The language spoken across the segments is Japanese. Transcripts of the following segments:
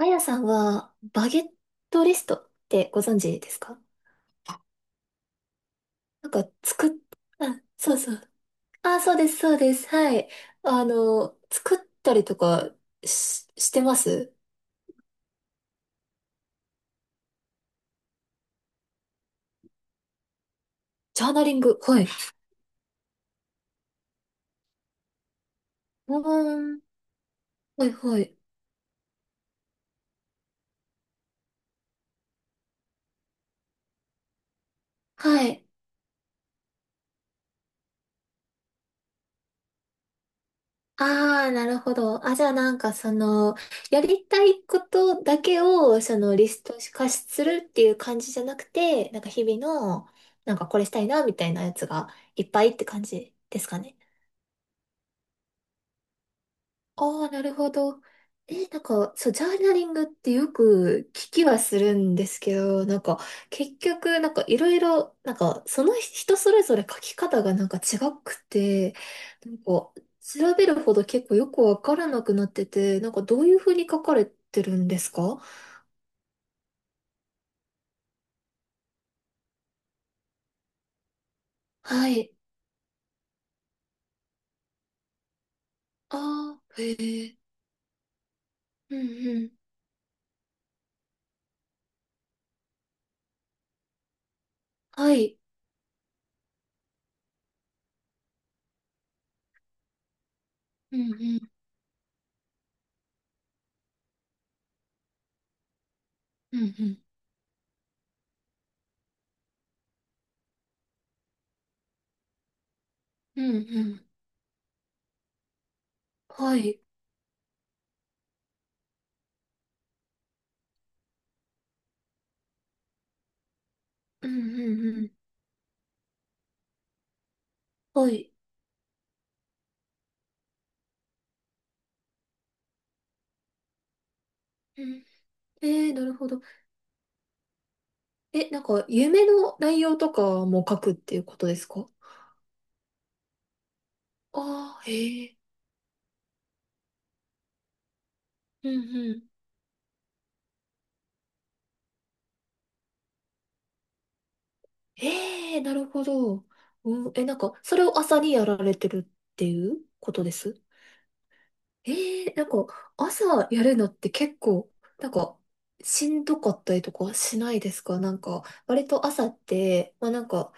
あやさんは、バゲットリストってご存知ですか？なんか、作っ、あ、そうそう。あ、そうです、そうです。はい。作ったりとかしてます。ジャーナリング。はい。うーん。はい、はい。はい。ああ、なるほど。あ、じゃあその、やりたいことだけを、その、リスト化するっていう感じじゃなくて、なんか日々の、なんかこれしたいな、みたいなやつがいっぱいって感じですかね。ああ、なるほど。そう、ジャーナリングってよく聞きはするんですけど、結局、なんかいろいろ、なんか、その人それぞれ書き方がなんか違くて、なんか、調べるほど結構よくわからなくなってて、なんかどういうふうに書かれてるんですか？はい。ああ、へえ。うんうん。はい。うんうん。うんうん。うんうん。はい。うんうんうん。はい。うん。えー、なるほど。なんか、夢の内容とかも書くっていうことですか？ああー、へえ。うんうん。ええ、なるほど。うん。なんか、それを朝にやられてるっていうことです。ええ、朝やるのって結構、なんか、しんどかったりとかしないですか？なんか、割と朝って、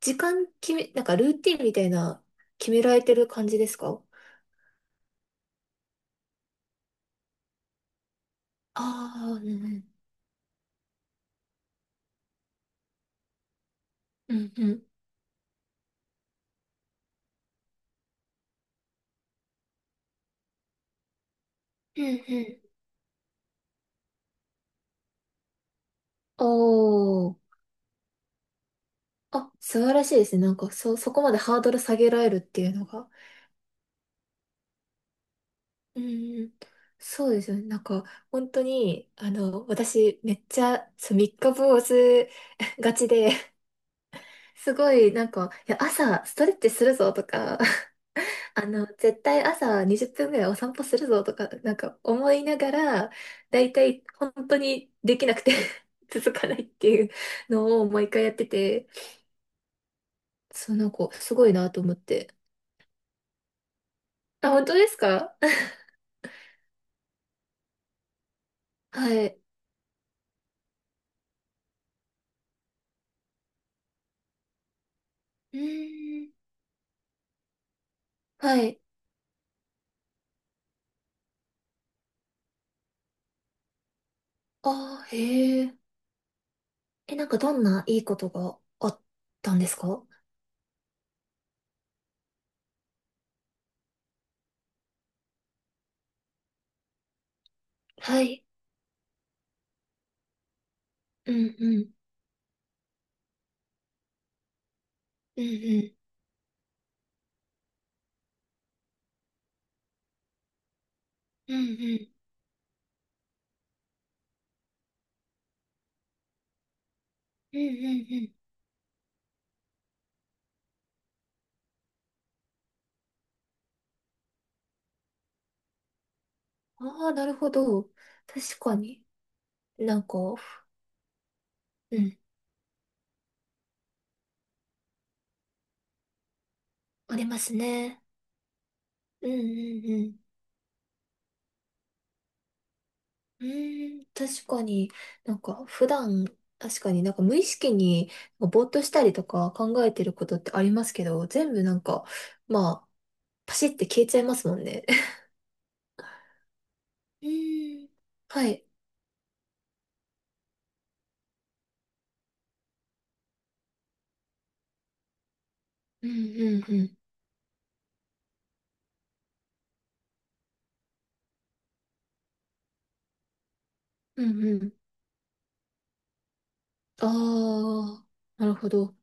時間決め、なんかルーティンみたいな、決められてる感じですか？ああー、うんうん。うんうん。うんうん。おー。あ、素晴らしいですね。そこまでハードル下げられるっていうのが。うん。そうですよね。本当に、あの、私、めっちゃ、そう、三日坊主 がちで、すごい、朝、ストレッチするぞとか、あの、絶対朝20分ぐらいお散歩するぞとか、なんか、思いながら、だいたい、本当にできなくて 続かないっていうのを毎回やってて、そう、なんか、すごいなと思って。あ、本当ですか？ はい。うーん。はい。あー、へえ。なんかどんないいことがあったんですか？はい。うんうん。うんうん。うんうん。うんうんうん。ああー、なるほど。確かに。なんか、うん。ありますね。うんうんうん。うーん、確かに。なんか普段、確かになんか無意識にぼーっとしたりとか考えてることってありますけど、全部なんか、まあ、パシって消えちゃいますもんね。えー、はい。うんうんうん。うんうん。ああ、なるほど。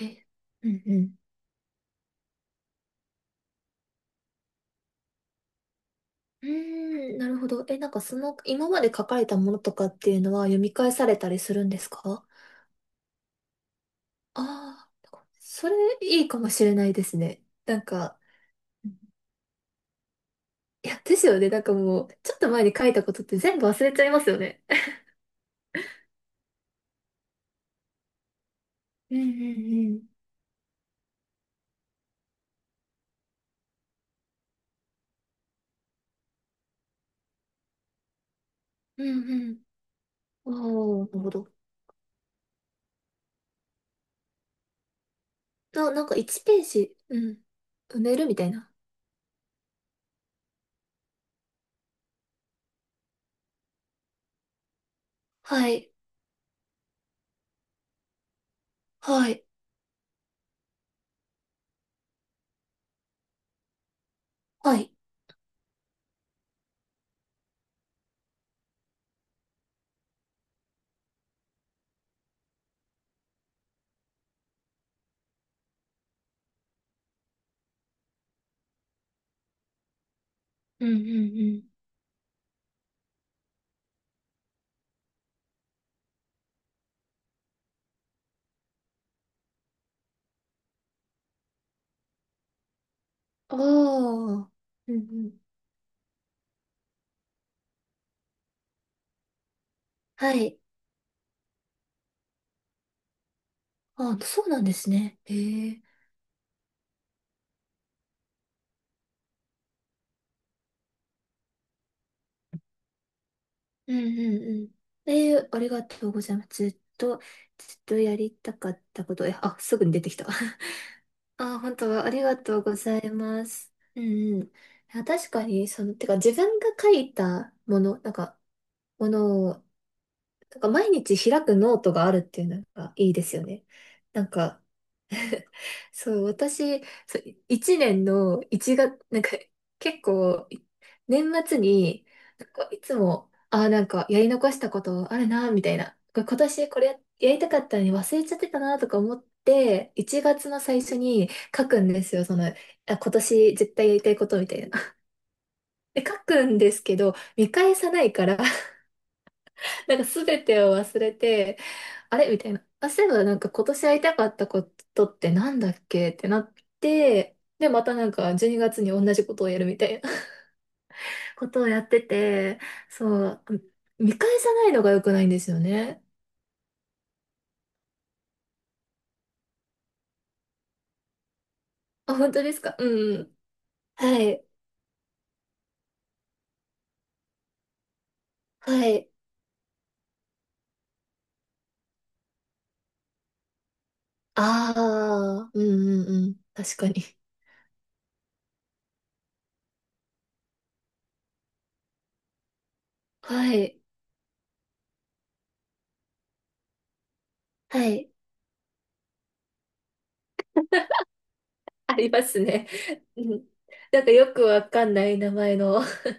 え、うんうん。うーん、なるほど。なんかその、今まで書かれたものとかっていうのは読み返されたりするんですか？ああー、それいいかもしれないですね。なんか、うん。いや、ですよね。なんかもう、ちょっと前に書いたことって全部忘れちゃいますよね。うんうんうん。うんうん。おお、なるほど。なんか1ページ、うん、埋めるみたいな。はい。はい。はい。うんうんうん。ああ、うんうん。はい。ああ、そうなんですね。へえ。うんうんうん。ええ、ありがとうございます。ずっとやりたかったこと。え、あ、すぐに出てきた。あ、本当はありがとうございます。うんうん。あ、確かに、その、てか自分が書いたもの、なんか、ものを、なんか毎日開くノートがあるっていうのがいいですよね。なんか、そう、私、そう、1年の1月、なんか結構、年末に、なんかいつも、ああ、なんかやり残したことあるな、みたいな。これ今年これや、やりたかったのに忘れちゃってたな、とか思って、1月の最初に書くんですよ。その、あ、今年絶対やりたいことみたいな。で、書くんですけど、見返さないからなんか全てを忘れて、あれみたいな。あ、そういえばなんか今年会いたかったことってなんだっけってなって、で、またなんか12月にがつに同じことをやるみたいな ことをやってて、そう、見返さないのが良くないんですよね。あ、本当ですか？うんうん。はい。はい。ああ、うんうんうん。確かに。はい。はい。ありますね。うん。なんかよくわかんない名前の。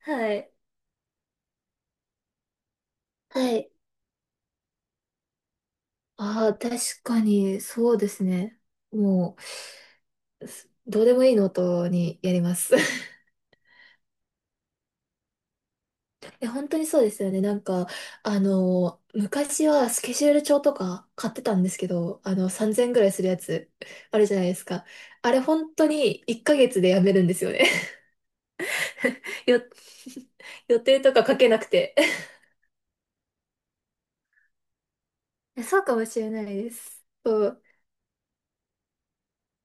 はい。はい。ああ、確かに、そうですね。もう、すどうでもいいのとにやります。え、本当にそうですよね。あの、昔はスケジュール帳とか買ってたんですけど、あの、3000ぐらいするやつ あるじゃないですか。あれ、本当に1ヶ月でやめるんですよね。よ、予定とか書けなくて。いや、そうかもしれないです。そう。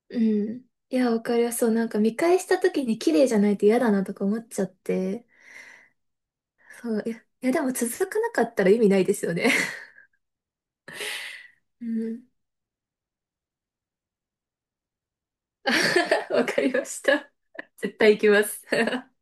うん。いや、わかります。そう、なんか見返した時に綺麗じゃないと嫌だなとか思っちゃって。そう、いや、いやでも続かなかったら意味ないですよね。うん。わかりました。絶対行きます。